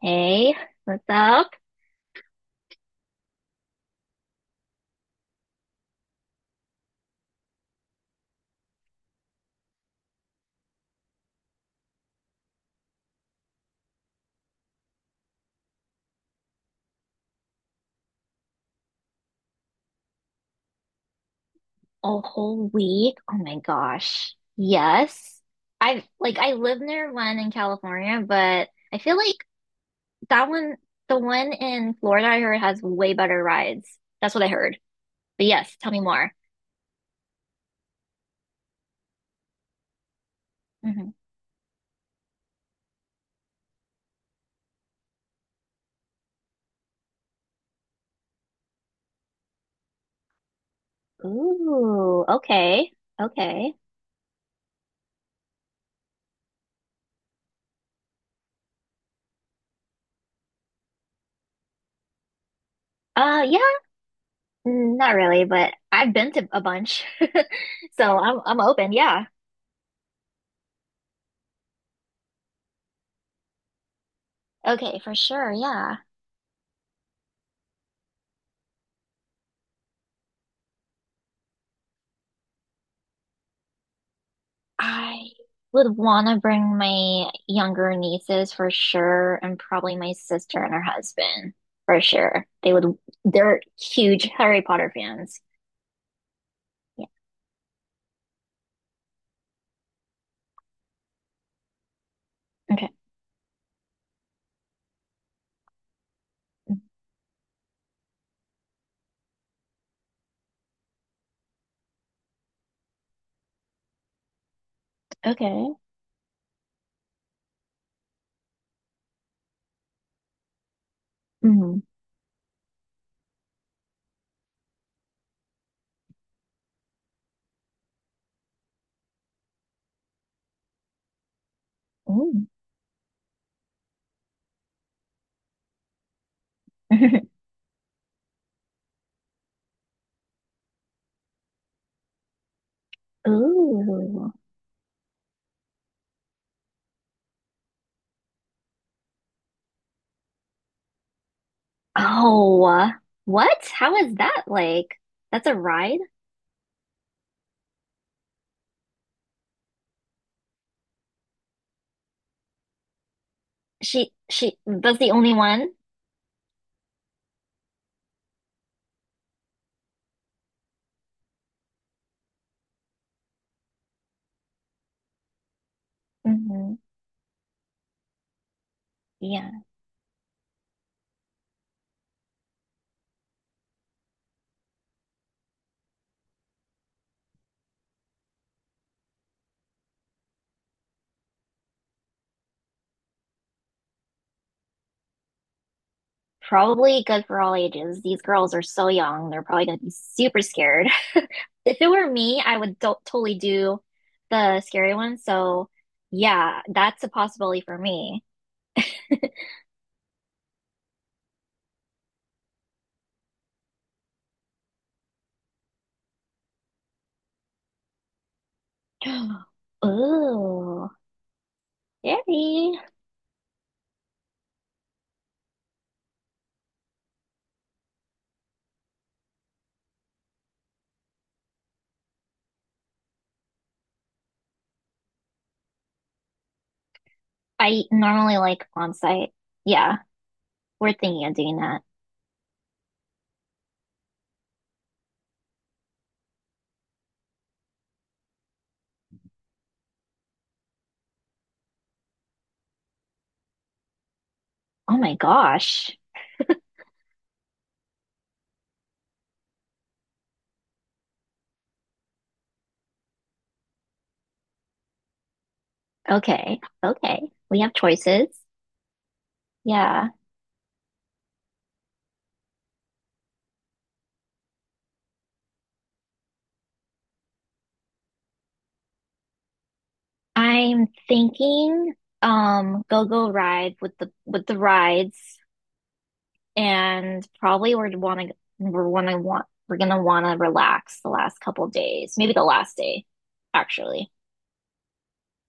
Hey, what's up? A whole week? Oh my gosh. Yes. I live near one in California, but I feel like that one, the one in Florida I heard has way better rides. That's what I heard. But yes, tell me more. Hmm. Ooh, okay. Okay. Yeah, mm, not really, but I've been to a bunch. So I'm open, yeah. Okay, for sure, yeah. I would want to bring my younger nieces for sure, and probably my sister and her husband for sure. They're huge Harry Potter fans. Yeah. Okay. Okay. Mm. Ooh. Ooh. Oh, what? How is that like? That's a ride? She, that's the only one? Hmm. Yeah. Probably good for all ages. These girls are so young. They're probably going to be super scared. If it were me, I would do totally do the scary one. So yeah, that's a possibility for me. Ooh, scary. I normally like on site. Yeah, we're thinking of doing that. Oh my gosh. Okay, okay. We have choices. Yeah. I'm thinking go-go ride with the rides. And probably we're gonna wanna relax the last couple days, maybe the last day, actually.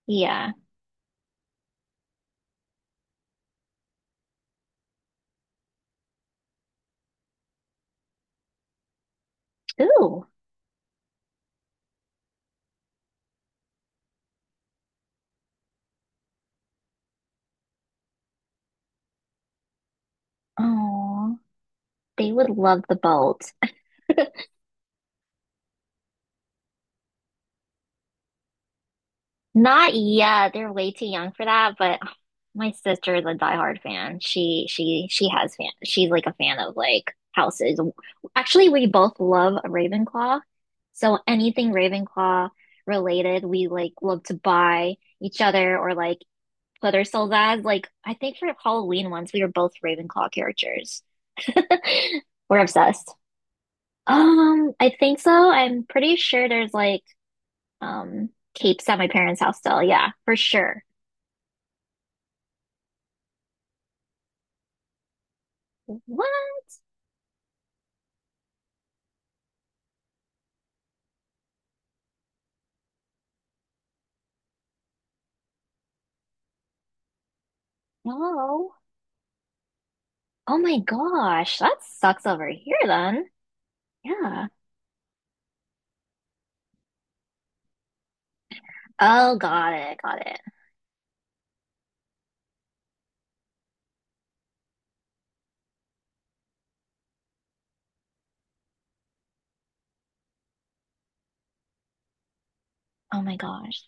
Yeah. Ooh. Oh, they would love the boat. Not yet. They're way too young for that, but oh, my sister is a diehard fan. She has fan. She's like a fan of like houses. Actually, we both love Ravenclaw. So anything Ravenclaw related, we love to buy each other or like put ourselves as. Like, I think for Halloween once, we were both Ravenclaw characters. We're obsessed. I think so. I'm pretty sure there's like um capes at my parents' house still. Yeah, for sure. What? No. Oh my gosh, that sucks over here then. Yeah. Oh, got it, got it. Oh my gosh.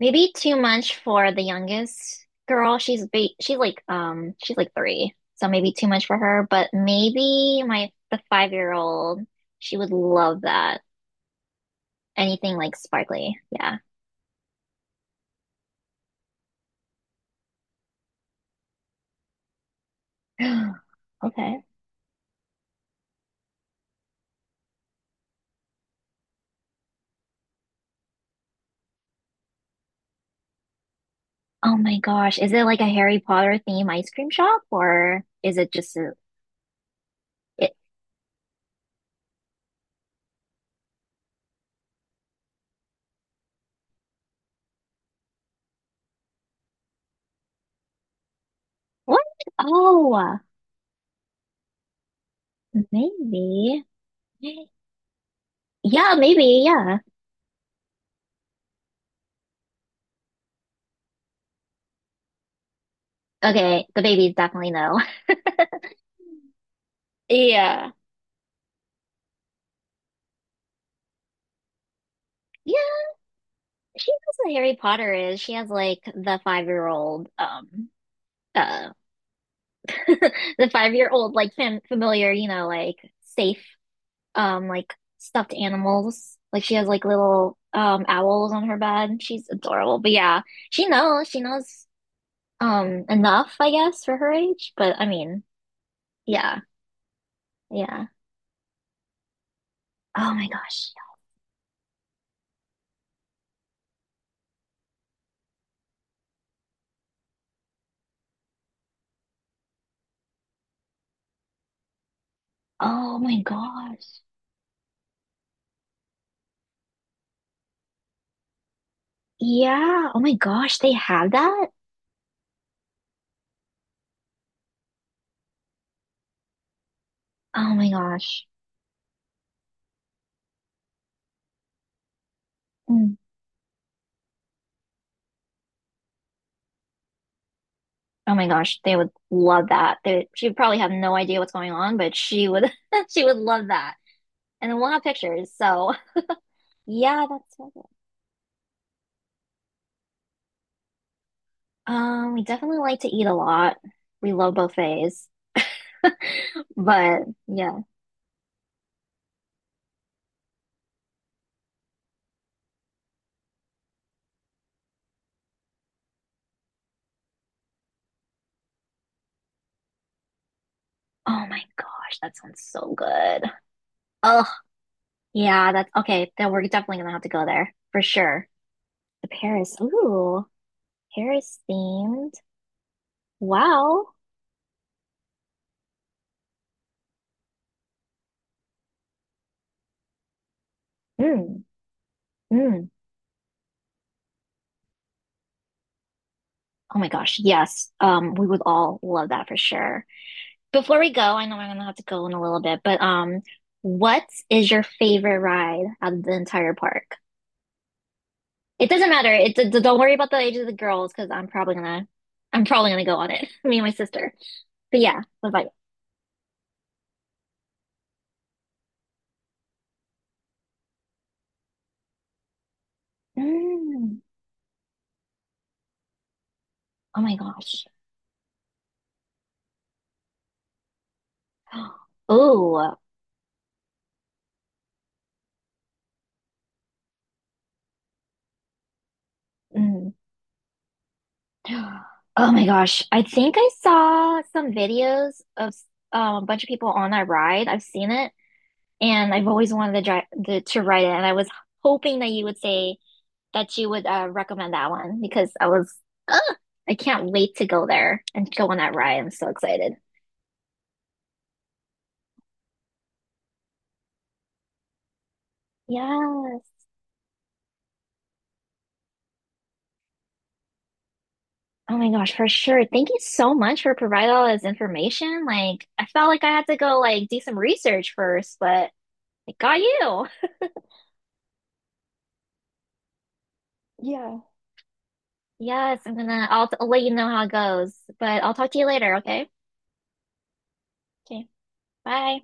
Maybe too much for the youngest girl. She's like three, so maybe too much for her. But maybe my the 5-year-old old, she would love that. Anything like sparkly, yeah. Okay. Oh my gosh, is it like a Harry Potter theme ice cream shop or is it just a, it, what? Oh, maybe. Yeah. Okay, the babies definitely know. Yeah. Yeah, she knows what Harry Potter is. She has like the 5-year-old old, uh, the 5-year-old old like familiar, you know, like safe, like stuffed animals. Like she has like little owls on her bed. She's adorable. But yeah, she knows. She knows enough, I guess, for her age. But I mean, yeah, yeah. Oh my gosh. Oh my gosh. Yeah. Oh my gosh. They have that. Oh my gosh. Hmm. Oh my gosh, they would love that. They, she would probably have no idea what's going on, but she would she would love that. And then we'll have pictures. So yeah, that's so good. We definitely like to eat a lot. We love buffets. But yeah. Oh my gosh, that sounds so good. Oh yeah, that's okay. Then we're definitely gonna have to go there for sure. The Paris. Ooh, Paris themed. Wow. Mm, mm. Oh my gosh, yes. We would all love that for sure. Before we go, I know I'm gonna have to go in a little bit, but what is your favorite ride out of the entire park? It doesn't matter. Don't worry about the age of the girls because I'm probably gonna go on it. Me and my sister. But yeah, what about you? Mm. Oh my gosh. Oh. Mm. Oh my gosh. I think I saw some videos of a bunch of people on that ride. I've seen it, and I've always wanted to ride it, and I was hoping that you would say that you would recommend that one because ugh, I can't wait to go there and go on that ride. I'm so excited. Yes. Oh my gosh, for sure. Thank you so much for providing all this information. Like, I felt like I had to go like do some research first, but I got you. Yeah. Yes, I'll let you know how it goes, but I'll talk to you later, okay? Okay, bye.